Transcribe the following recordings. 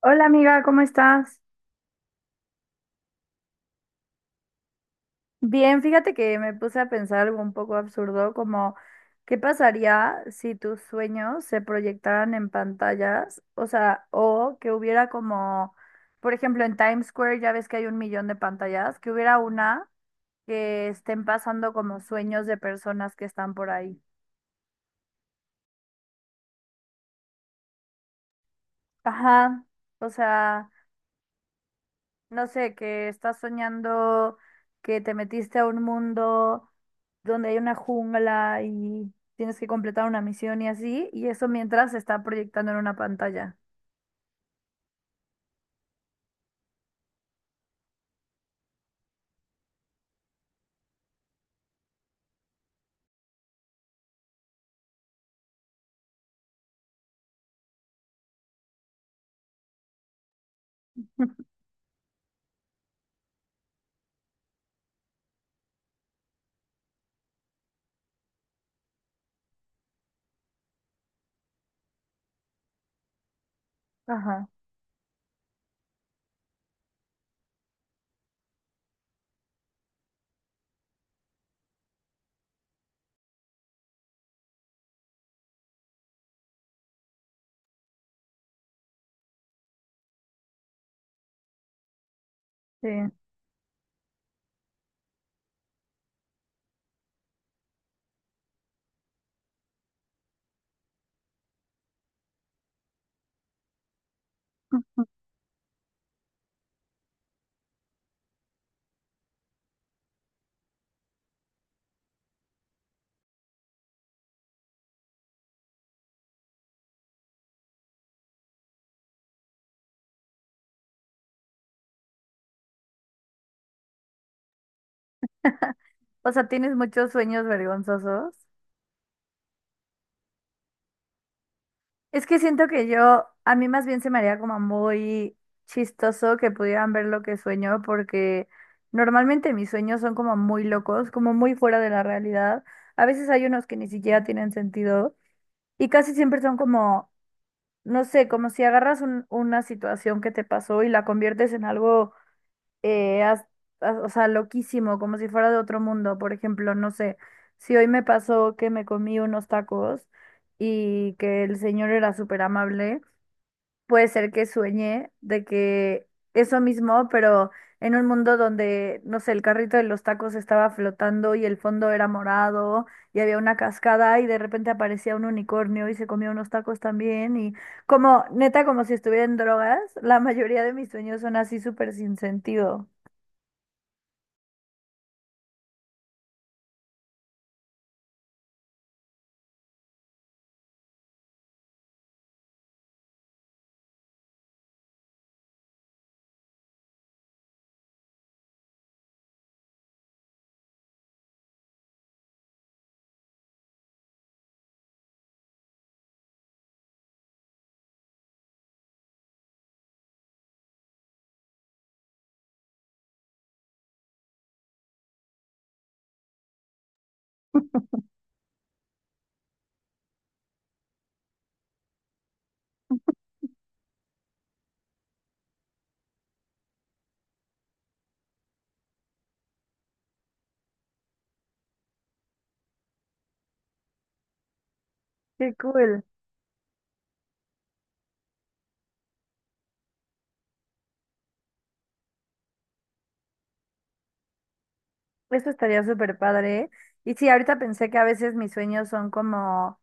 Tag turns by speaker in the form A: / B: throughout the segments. A: Hola amiga, ¿cómo estás? Bien, fíjate que me puse a pensar algo un poco absurdo, como ¿qué pasaría si tus sueños se proyectaran en pantallas? O sea, o que hubiera como, por ejemplo, en Times Square ya ves que hay un millón de pantallas, que hubiera una que estén pasando como sueños de personas que están por ahí. Ajá, o sea... No sé, que estás soñando que te metiste a un mundo donde hay una jungla y tienes que completar una misión y así, y eso mientras se está proyectando en una pantalla. Ajá, sí. O sea, tienes muchos sueños vergonzosos. Es que siento que yo, a mí más bien se me haría como muy chistoso que pudieran ver lo que sueño, porque normalmente mis sueños son como muy locos, como muy fuera de la realidad. A veces hay unos que ni siquiera tienen sentido. Y casi siempre son como, no sé, como si agarras una situación que te pasó y la conviertes en algo, eh, haz- o sea, loquísimo, como si fuera de otro mundo. Por ejemplo, no sé, si hoy me pasó que me comí unos tacos y que el señor era súper amable, puede ser que sueñe de que eso mismo, pero en un mundo donde, no sé, el carrito de los tacos estaba flotando y el fondo era morado y había una cascada y de repente aparecía un unicornio y se comía unos tacos también y como, neta, como si estuviera en drogas, la mayoría de mis sueños son así súper sin sentido. Qué cool. Eso estaría súper padre. Y sí, ahorita pensé que a veces mis sueños son como,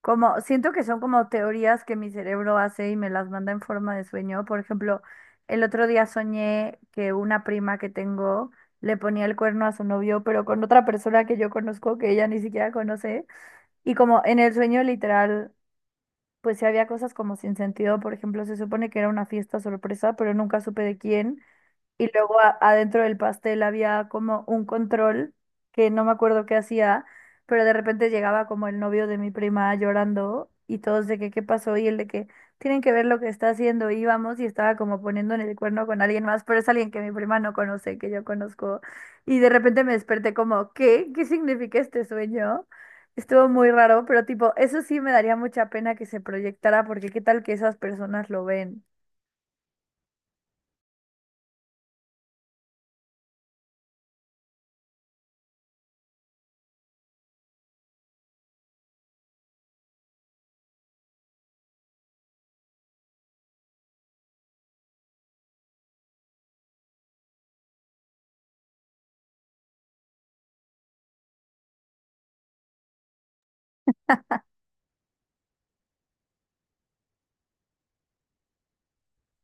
A: como, siento que son como teorías que mi cerebro hace y me las manda en forma de sueño. Por ejemplo, el otro día soñé que una prima que tengo le ponía el cuerno a su novio, pero con otra persona que yo conozco que ella ni siquiera conoce. Y como en el sueño literal, pues sí había cosas como sin sentido. Por ejemplo, se supone que era una fiesta sorpresa, pero nunca supe de quién. Y luego adentro del pastel había como un control que no me acuerdo qué hacía, pero de repente llegaba como el novio de mi prima llorando y todos de que qué pasó y el de que tienen que ver lo que está haciendo. Y íbamos y estaba como poniendo en el cuerno con alguien más, pero es alguien que mi prima no conoce, que yo conozco. Y de repente me desperté como, ¿qué? ¿Qué significa este sueño? Estuvo muy raro, pero tipo, eso sí me daría mucha pena que se proyectara porque qué tal que esas personas lo ven.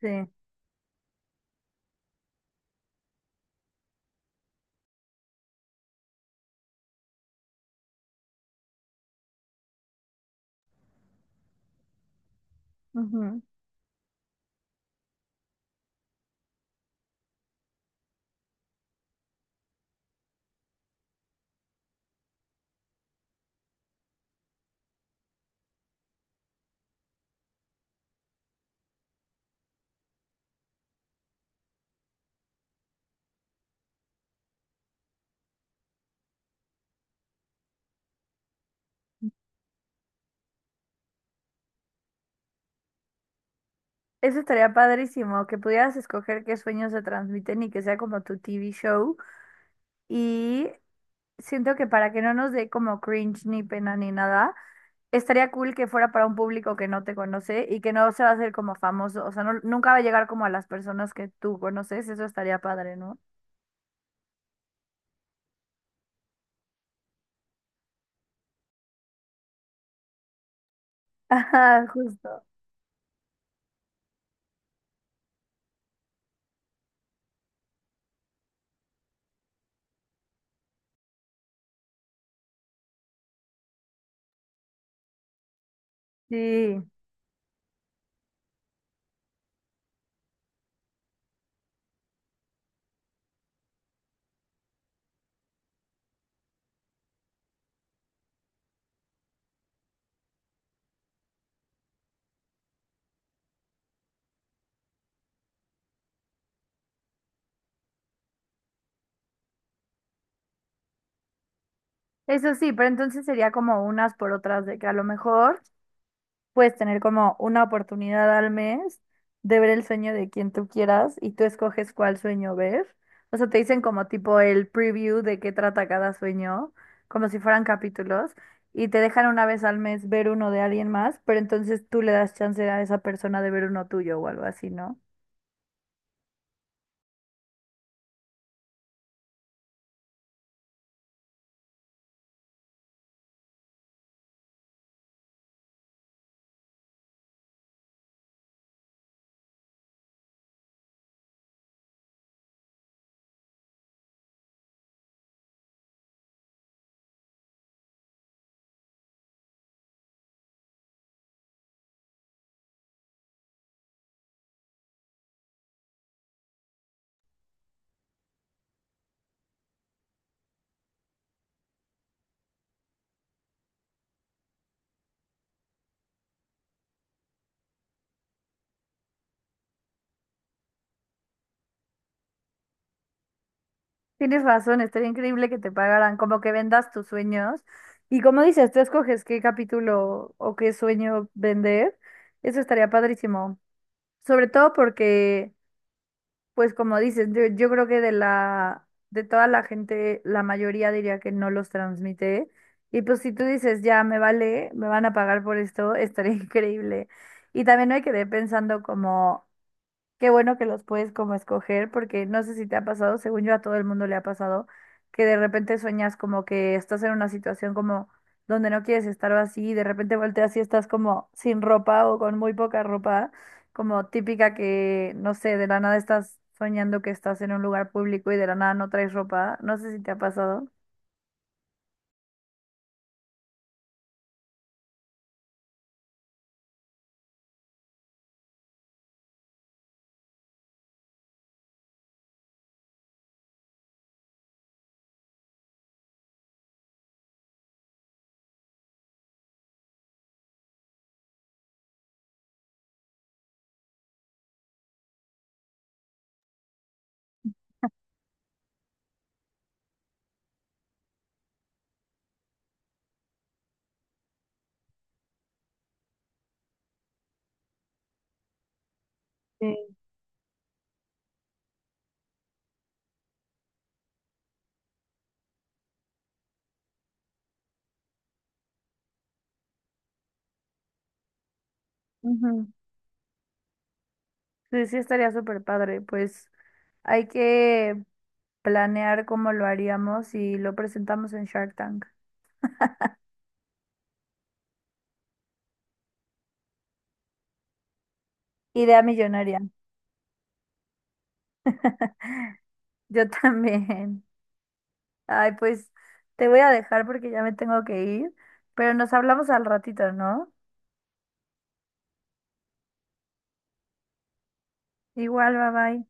A: Sí. Eso estaría padrísimo, que pudieras escoger qué sueños se transmiten y que sea como tu TV show. Y siento que para que no nos dé como cringe ni pena ni nada, estaría cool que fuera para un público que no te conoce y que no se va a hacer como famoso. O sea, nunca va a llegar como a las personas que tú conoces. Eso estaría padre, ¿no? Ajá, justo. Sí. Eso sí, pero entonces sería como unas por otras de que a lo mejor puedes tener como una oportunidad al mes de ver el sueño de quien tú quieras y tú escoges cuál sueño ver. O sea, te dicen como tipo el preview de qué trata cada sueño, como si fueran capítulos, y te dejan una vez al mes ver uno de alguien más, pero entonces tú le das chance a esa persona de ver uno tuyo o algo así, ¿no? Tienes razón, estaría increíble que te pagaran, como que vendas tus sueños. Y como dices, tú escoges qué capítulo o qué sueño vender. Eso estaría padrísimo. Sobre todo porque, pues como dices, yo creo que de la, de toda la gente, la mayoría diría que no los transmite. Y pues si tú dices, ya me vale, me van a pagar por esto, estaría increíble. Y también hay que ir pensando como, qué bueno que los puedes como escoger, porque no sé si te ha pasado, según yo a todo el mundo le ha pasado, que de repente sueñas como que estás en una situación como donde no quieres estar o así, y de repente volteas y estás como sin ropa o con muy poca ropa, como típica que, no sé, de la nada estás soñando que estás en un lugar público y de la nada no traes ropa. No sé si te ha pasado. Sí. Ujú. Sí, sí estaría súper padre, pues hay que planear cómo lo haríamos y lo presentamos en Shark Tank. Idea millonaria. Yo también. Ay, pues te voy a dejar porque ya me tengo que ir, pero nos hablamos al ratito, ¿no? Igual, bye bye.